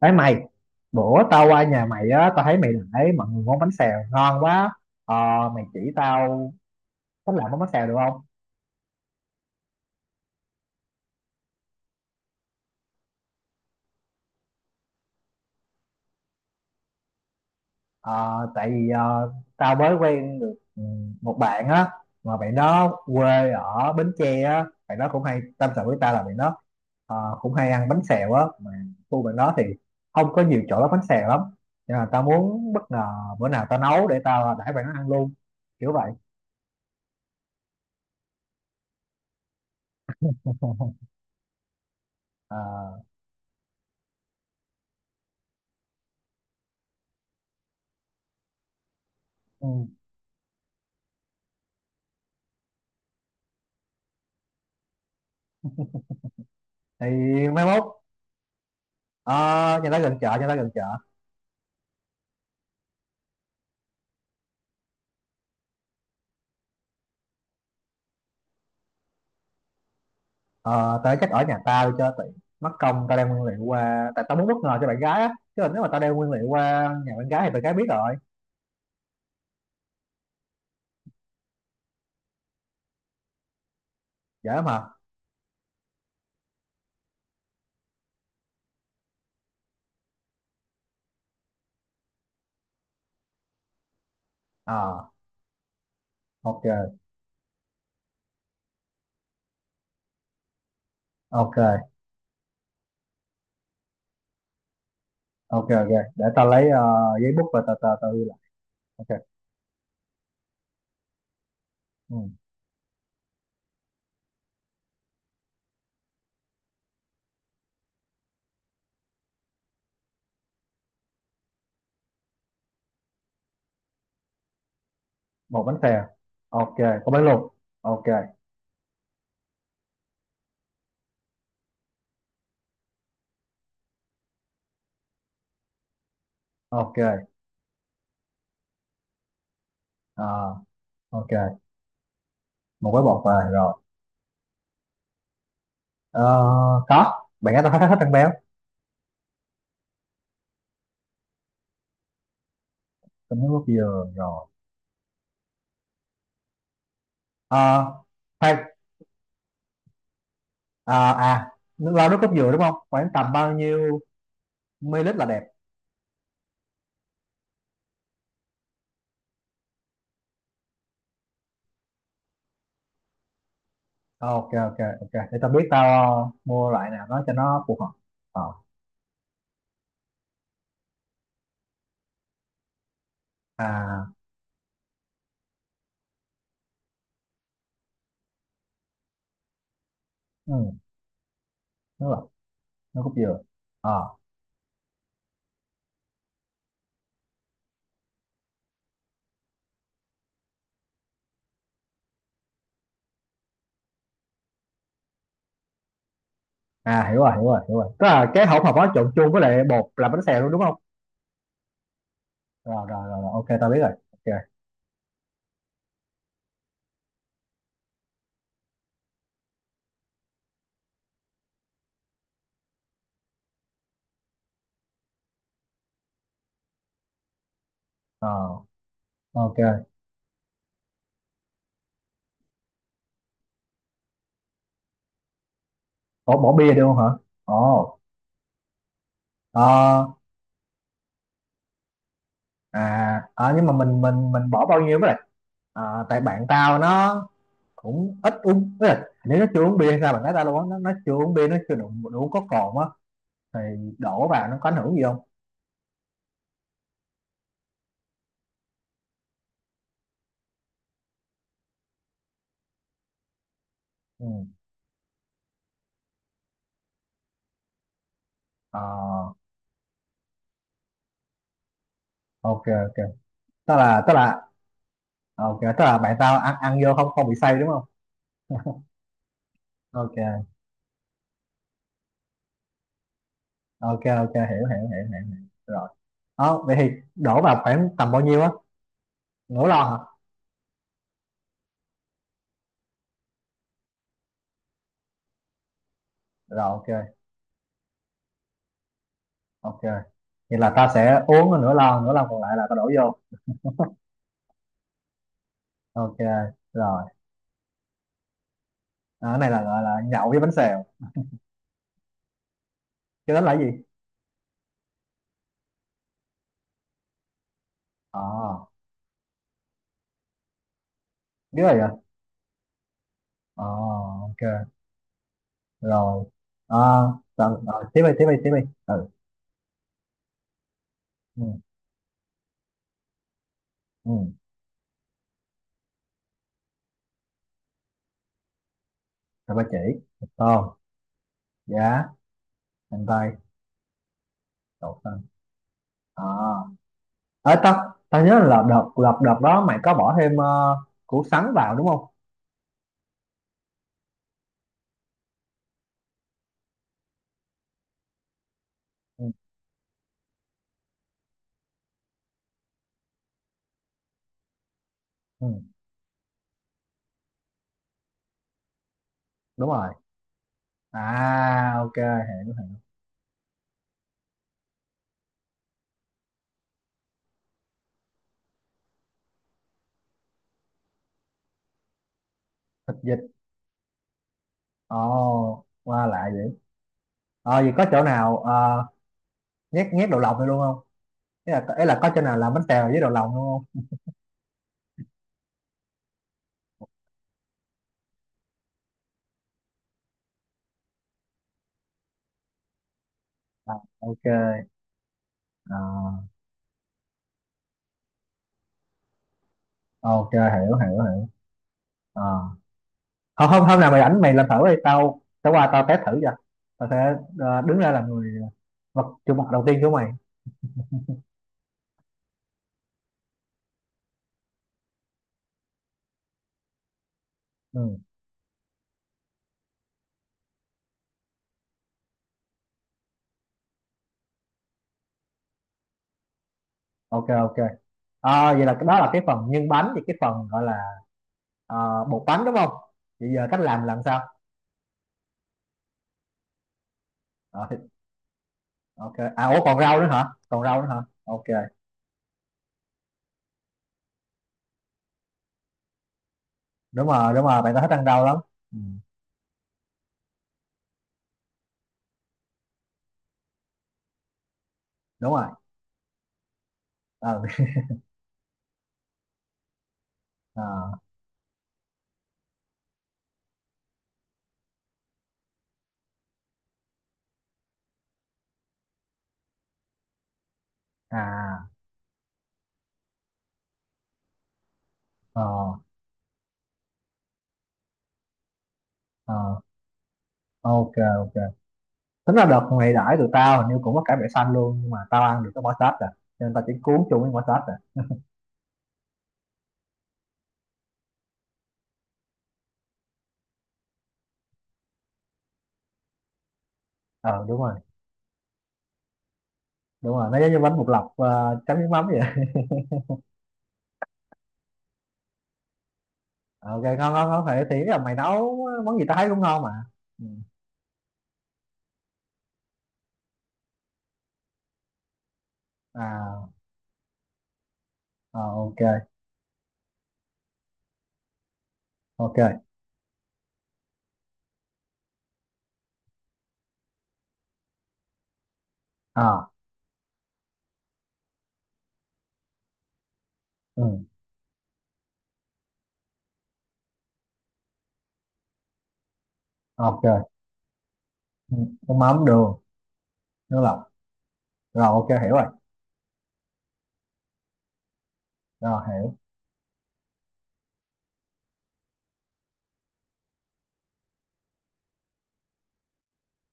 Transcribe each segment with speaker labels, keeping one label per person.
Speaker 1: Đấy mày, bữa tao qua nhà mày á, tao thấy mày để mọi người món bánh xèo ngon quá. Ờ, mày chỉ tao cách làm món bánh xèo được không? Ờ, tại vì tao mới quen được một bạn á, mà bạn đó quê ở Bến Tre á, bạn đó cũng hay tâm sự với tao là bạn đó cũng hay ăn bánh xèo á, mà khu bạn đó thì không có nhiều chỗ bán bánh xèo lắm. Nên là tao muốn bất ngờ bữa nào tao nấu để tao đãi bạn nó ăn luôn, kiểu vậy. Ờ, ừ. Thì mai mốt, ờ, nhà ta gần chợ, nhà ta gần chợ. Ờ, tao chắc ở nhà tao cho tiện. Mất công tao đem nguyên liệu qua, tại tao muốn bất ngờ cho bạn gái á. Chứ là nếu mà tao đem nguyên liệu qua nhà bạn gái thì bạn gái biết rồi. Dễ mà. Ờ, ok, ok, ok, ok. Để tao lấy giấy bút và tờ tờ tao ghi lại. Ok, ừ. Một bánh xèo. Ok, có bánh luộc. Ok, ok, ờ, ok. Một gói bột về rồi. Ờ, có. Bạn gái tao hết hết ăn béo. Tao muốn nước dừa rồi. Ờ, khoan, à, nước lau nước cốt dừa đúng không, khoảng tầm bao nhiêu ml là đẹp? Ok, ok, ok, để tao biết tao mua loại nào đó cho nó phù hợp. Ờ, à, ừ, nước lọc, nước cốt dừa. Ờ, à, hiểu rồi, hiểu rồi, hiểu rồi, tức là cái hỗn hợp đó trộn chung với lại bột làm bánh xèo luôn đúng không? Rồi, rồi, rồi, rồi. Ok tao biết rồi, ok. Ờ, ok. Ủa, bỏ bia được không hả? Ồ, ờ, à, à, nhưng mà mình bỏ bao nhiêu với lại, à, tại bạn tao nó cũng ít uống. Tức là nếu nó chưa uống bia hay sao mà nói ta luôn á, nó chưa uống bia, nó chưa đủ, có cồn á, thì đổ vào nó có ảnh hưởng gì không? Ừ. Ờ, ok, ok. Tức là ok, tức là bạn tao ăn ăn vô không, không bị say đúng không? Ok, ok, ok, hiểu, hiểu, hiểu, hiểu, hiểu. Rồi, đó vậy thì đổ vào khoảng tầm bao nhiêu á, nửa lon hả? Rồi, ok. Ok, vậy là tao sẽ uống nửa lon, nửa lon còn lại là tao đổ vô. Ok. Rồi. Ờ, cái này là gọi là nhậu với bánh xèo, cái đó là cái gì? Ờ, biết rồi. Ờ, ok. Rồi à, tao, à, tiếp đi, tiếp đi, tiếp đi. Ừ. Ừ. Ừ. Tao, ba chỉ, tôm, giá, hành tây, đậu xanh. À, à, tao tao nhớ là đợt đợt đợt đó mày có bỏ thêm củ sắn vào đúng không? Ừ, ừ, đúng rồi. À ok. Thịt vịt? Ồ qua lạ vậy. Ờ vậy có chỗ nào nhét nhét đậu lòng này luôn không? Ý là, ý là có chỗ nào làm bánh tèo với đậu lòng luôn không? À, ok. À, ok, hiểu, hiểu, hiểu. Ờ. hôm hôm hôm nào mày rảnh mày làm thử đi, tao tao qua tao test thử cho. Tao sẽ đứng ra làm người, ờ, vật chủ mặt đầu tiên của mày. Ừ, ok, ok. À, vậy là cái đó là cái phần nhân bánh, thì cái phần gọi là ờ, bột bánh đúng không? Vậy giờ cách làm sao? Ờ, thì- ok, à, ủa, còn rau nữa hả, còn rau nữa hả? Ok. Đúng rồi, đúng rồi, bạn tao thích ăn rau lắm. Ừ, đúng rồi. Ờ, ờ, à, ờ, ờ, ok, ok. Tính là đợt mày đãi tụi tao hình như cũng có cải bẹ xanh luôn, nhưng mà tao ăn được cái bỏ sát rồi, cho nên tao chỉ cuốn chung với bỏ sát. Ờ đúng rồi, đúng rồi, nó giống như bánh bột lọc chấm nước mắm vậy. Ờ, ok, ngon, ngon, ngon phải, thì ý là mày nấu món gì tao thấy cũng ngon mà. Ừ. À, ờ, ok, ok. À, ừ, ok. Ừ. Nước mắm, đường, nước lọc. Rồi ok, hiểu rồi, rồi hiểu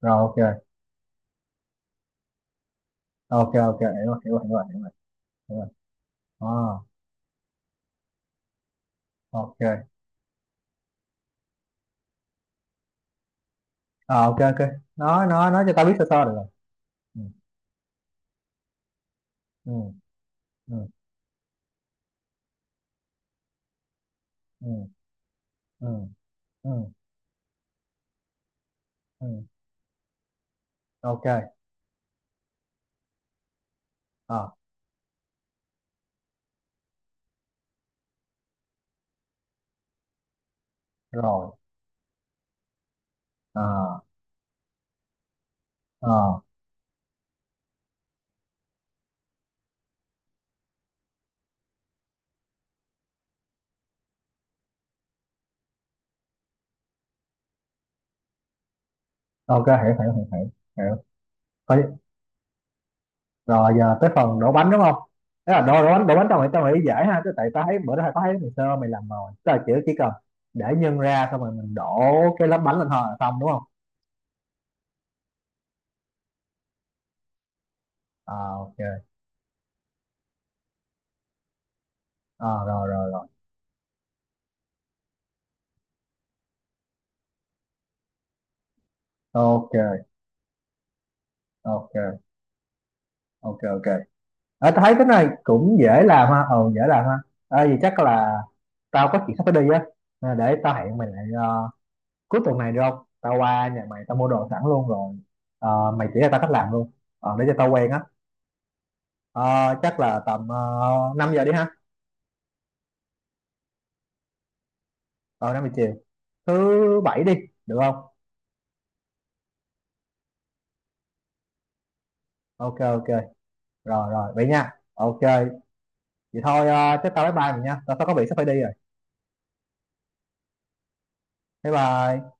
Speaker 1: rồi. Ok, ok, ok, hiểu rồi, hiểu rồi, hiểu rồi, hiểu rồi, hiểu rồi. À, ok. Ờ, ok, ok, nói cho tao biết sơ sơ được rồi. Ừ. Ừ. Ừ. Ừ. Ừ. Ừ. Ừ. Ok. Ờ. Rồi. Ờ, ờ, ok, hiểu, hiểu, hiểu, hiểu, hiểu. Coi- rồi giờ tới phần đổ bánh đúng không? Thế là đổ, đổ bánh, đổ bánh tao nghĩ, tao nghĩ dễ ha, chứ tại tao thấy bữa đó tao thấy ngày sơ, mày làm rồi, tức là chỉ cần để nhân ra xong rồi mình đổ cái lớp bánh lên thôi là xong đúng không? À, ok. À, rồi, rồi, rồi. Ok. Ok, ok, ok. À, tao thấy cái này cũng dễ làm ha, ừ dễ làm ha. À, vì chắc là tao có chuyện sắp phải đi á, à, để tao hẹn mày lại cuối tuần này được không, tao qua nhà mày tao mua đồ sẵn luôn rồi. Ờ, mày chỉ cho tao cách làm luôn. Ờ, để cho tao quen á. Ờ, chắc là tầm 5 giờ đi ha. Ờ 5 giờ chiều. Thứ bảy đi, được không? Ok, ok. Rồi, rồi, vậy nha. Ok, vậy thôi chắc tao bye bye mình nha. Tao tao có việc sắp phải đi rồi. Bye bye.